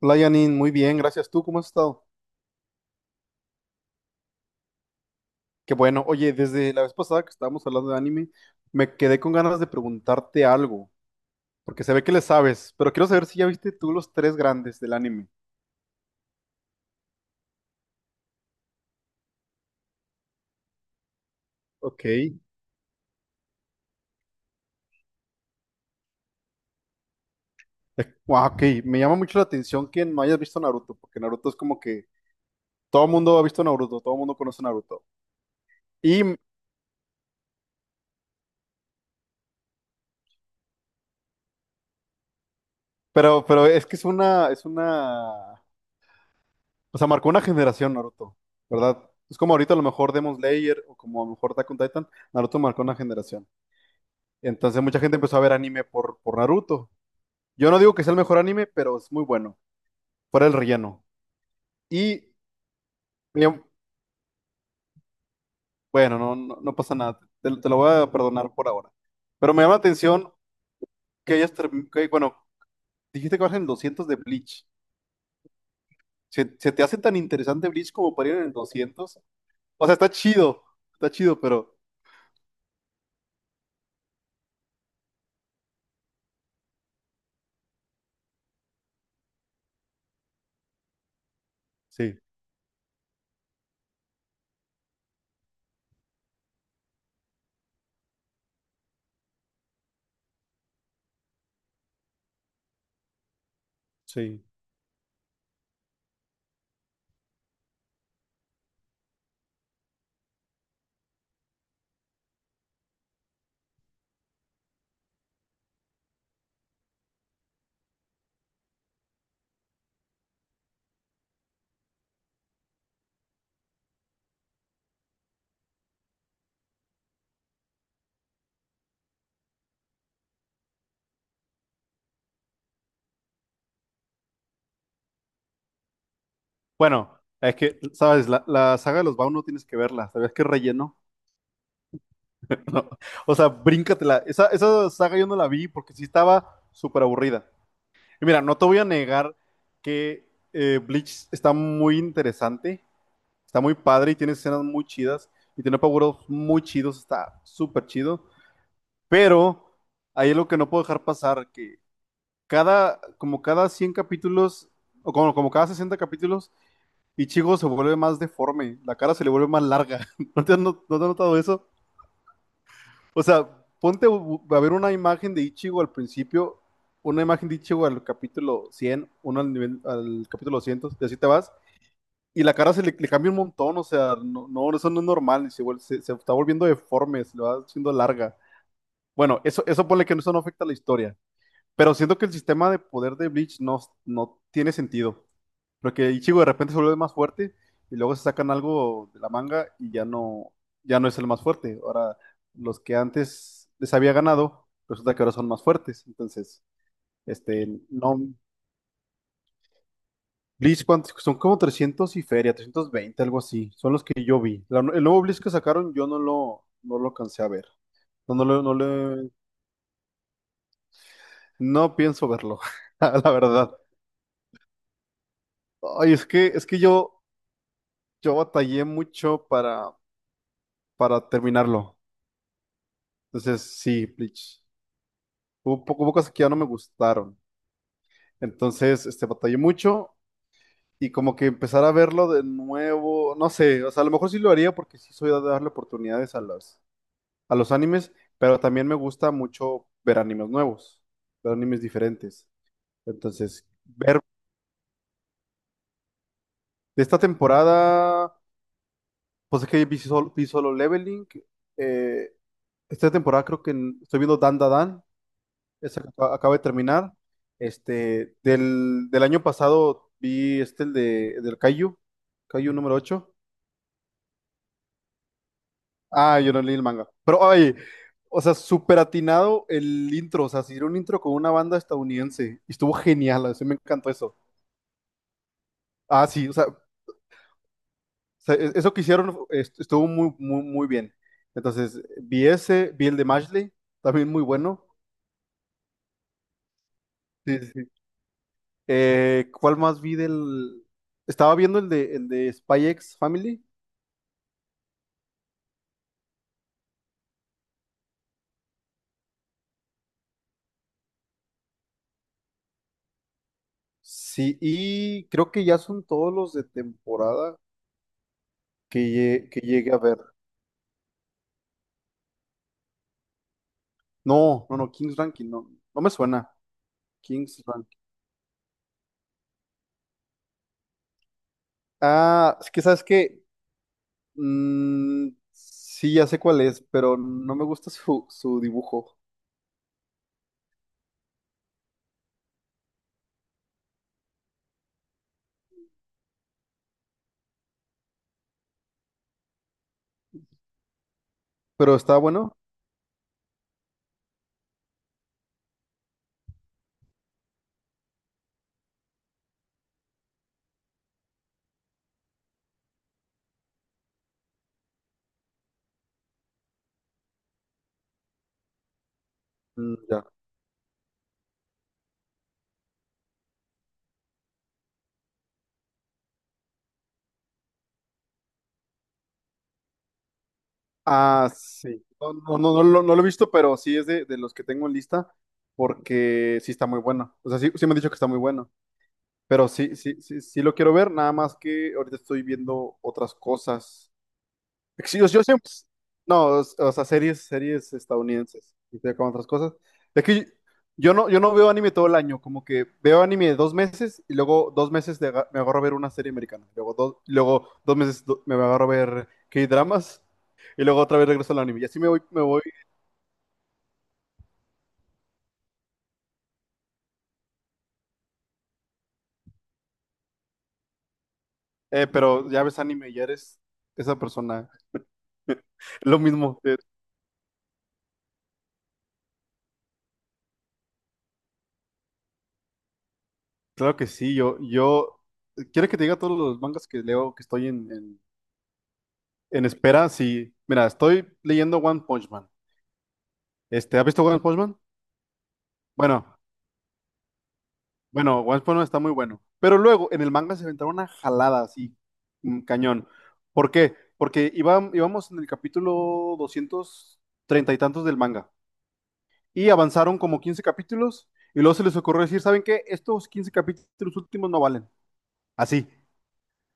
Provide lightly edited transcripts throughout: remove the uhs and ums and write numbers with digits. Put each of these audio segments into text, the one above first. Hola Janine, muy bien, gracias. ¿Tú cómo has estado? Qué bueno. Oye, desde la vez pasada que estábamos hablando de anime, me quedé con ganas de preguntarte algo, porque se ve que le sabes, pero quiero saber si ya viste tú los tres grandes del anime. Ok. Guau, Ok, me llama mucho la atención que no hayas visto Naruto, porque Naruto es como que todo el mundo ha visto Naruto, todo el mundo conoce Naruto. Y, pero es que es una, o sea, marcó una generación Naruto, ¿verdad? Es como ahorita a lo mejor Demon Slayer o como a lo mejor Attack on Titan, Naruto marcó una generación. Entonces mucha gente empezó a ver anime por Naruto. Yo no digo que sea el mejor anime, pero es muy bueno. Fuera el relleno. Y me- bueno, no, no, no pasa nada. Te lo voy a perdonar por ahora. Pero me llama la atención que, bueno, dijiste que vas en el 200 de Bleach. ¿Se te hace tan interesante Bleach como para ir en el 200? O sea, está chido. Está chido, pero sí, sí. Bueno, es que, sabes, la saga de los Bound no tienes que verla. ¿Sabías que es relleno? No, o sea, bríncatela. Esa saga yo no la vi porque sí estaba súper aburrida. Y mira, no te voy a negar que Bleach está muy interesante, está muy padre y tiene escenas muy chidas y tiene paguros muy chidos, está súper chido. Pero ahí es lo que no puedo dejar pasar, que como cada 100 capítulos, o como cada 60 capítulos, Ichigo se vuelve más deforme, la cara se le vuelve más larga. ¿No te has notado eso? O sea, ponte a ver una imagen de Ichigo al principio, una imagen de Ichigo al capítulo 100, uno al, nivel, al capítulo 200, y así te vas. Y la cara se le cambia un montón, o sea, no, no, eso no es normal, se está volviendo deforme, se le va haciendo larga. Bueno, eso ponle que eso no afecta a la historia, pero siento que el sistema de poder de Bleach no tiene sentido. Porque Ichigo de repente se vuelve más fuerte y luego se sacan algo de la manga y ya no, ya no es el más fuerte. Ahora, los que antes les había ganado, resulta que ahora son más fuertes. Entonces, este, no. Bleach, ¿cuántos? Son como 300 y feria, 320, algo así. Son los que yo vi. El nuevo Bleach que sacaron, yo no lo alcancé a ver. No, no, no pienso verlo, la verdad. Ay, es que yo batallé mucho para terminarlo. Entonces, sí, Bleach. Hubo cosas que ya no me gustaron. Entonces, este, batallé mucho y como que empezar a verlo de nuevo, no sé, o sea, a lo mejor sí lo haría porque sí soy de darle oportunidades a los animes, pero también me gusta mucho ver animes nuevos, ver animes diferentes. Entonces, ver de esta temporada, pues es que vi Solo Leveling, eh, esta temporada creo que estoy viendo Dan Da Dan. Esa que acaba de terminar. Este, del año pasado vi este, del Kaiju número ocho. Ah, yo no leí el manga. Pero, ay, o sea, súper atinado el intro, o sea, se hicieron un intro con una banda estadounidense. Y estuvo genial, así me encantó eso. Ah, sí, o sea, eso que hicieron estuvo muy, muy, muy bien. Entonces, vi el de Mashley, también muy bueno. Sí, sí. Sí. ¿Cuál más vi del...? Estaba viendo el de Spy X Family. Sí, y creo que ya son todos los de temporada que llegue a ver. No, no, no, King's Ranking, no me suena. King's Ranking. Ah, es que sabes que sí, ya sé cuál es, pero no me gusta su, su dibujo. Pero está bueno. Mm, ya. Ah, sí. No, no, no, no, lo no lo he visto, pero sí es de los que tengo en lista porque sí está muy bueno. O sea, sí, sí me han dicho que está muy bueno. Pero sí, sí, sí, sí lo quiero ver, nada más que ahorita estoy viendo otras cosas. Sí, yo siempre, no, o sea, series estadounidenses, y estoy con otras cosas. Es que yo no veo anime todo el año, como que veo anime dos meses y luego dos meses de me agarro a ver una serie americana, luego dos meses me agarro a ver K-dramas y luego otra vez regreso al anime. Y así me voy, pero ya ves anime, ya eres esa persona. Lo mismo, Claro que sí. ¿Quieres que te diga todos los mangas que leo que estoy en, espera? Sí, mira, estoy leyendo One Punch Man. Este, ¿has visto One Punch Man? Bueno, bueno, One Punch Man está muy bueno. Pero luego en el manga se inventaron una jalada así, cañón. ¿Por qué? Porque íbamos en el capítulo 230 y tantos del manga. Y avanzaron como 15 capítulos y luego se les ocurrió decir, ¿saben qué? Estos 15 capítulos últimos no valen. Así.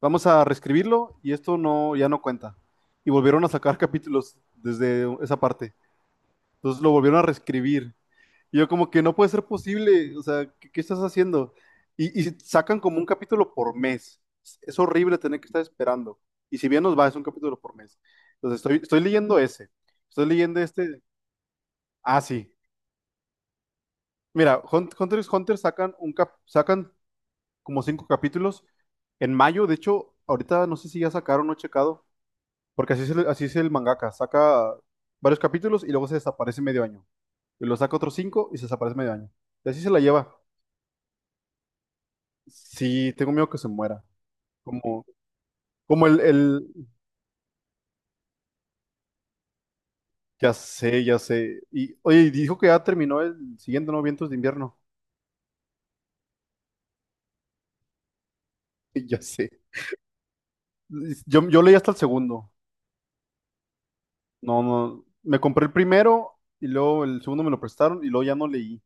Vamos a reescribirlo y esto no, ya no cuenta. Y volvieron a sacar capítulos desde esa parte. Entonces lo volvieron a reescribir. Y yo como que no puede ser posible. O sea, ¿qué estás haciendo? Y sacan como un capítulo por mes. Es horrible tener que estar esperando. Y si bien nos va, es un capítulo por mes. Entonces estoy leyendo ese. Estoy leyendo este. Ah, sí. Mira, Hunter x Hunter sacan como cinco capítulos en mayo. De hecho, ahorita no sé si ya sacaron, no he checado. Porque así es el mangaka, saca varios capítulos y luego se desaparece medio año. Y lo saca otros cinco y se desaparece medio año. Y así se la lleva. Sí, tengo miedo que se muera. Como, como el, el, ya sé, ya sé. Y oye, y dijo que ya terminó el siguiente, ¿no? Vientos de invierno. Ya sé. Yo leí hasta el segundo. No, no. Me compré el primero y luego el segundo me lo prestaron y luego ya no leí.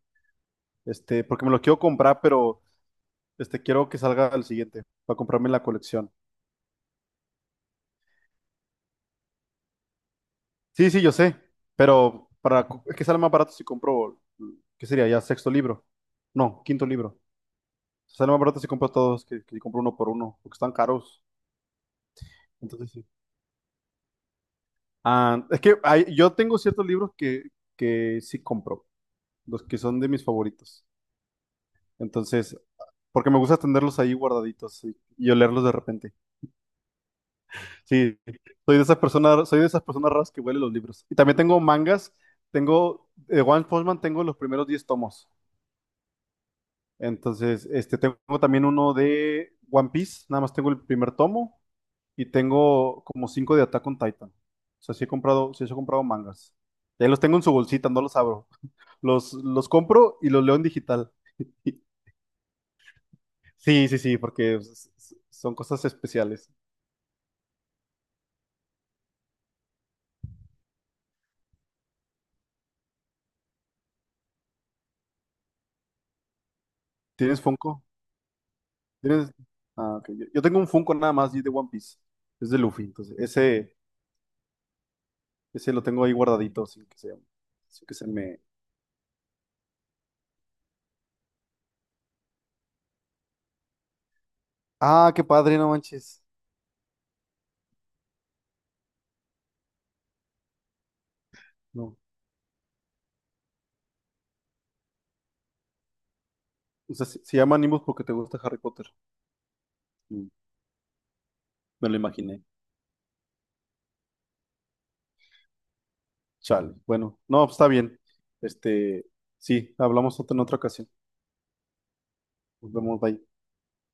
Este, porque me lo quiero comprar, pero este, quiero que salga el siguiente para comprarme la colección. Sí, sí, yo sé, pero es que sale más barato si compro, ¿qué sería? Ya sexto libro. No, quinto libro. Sale más barato si compro todos que si compro uno por uno, porque están caros. Entonces sí. Ah, es que yo tengo ciertos libros que sí compro, los que son de mis favoritos. Entonces, porque me gusta tenerlos ahí guardaditos y olerlos de repente. Sí, soy de esas personas, soy de esas personas raras que huelen los libros. Y también tengo mangas, de One Punch Man tengo los primeros 10 tomos. Entonces, este, tengo también uno de One Piece, nada más tengo el primer tomo y tengo como cinco de Attack on Titan. O sea, sí he comprado mangas. Ya los tengo en su bolsita, no los abro. Los compro y los leo en digital. Sí, sí, sí, porque son cosas especiales. ¿Tienes Funko? ¿Tienes? Ah, ok. Yo tengo un Funko nada más y de One Piece. Es de Luffy, entonces ese lo tengo ahí guardadito, sin que se me... Ah, qué padre, no manches. No. O sea, se llama Nimbus porque te gusta Harry Potter. Mm, Me lo imaginé. Chale. Bueno, no, pues, está bien. Este, sí, hablamos en otra ocasión. Nos vemos, bye.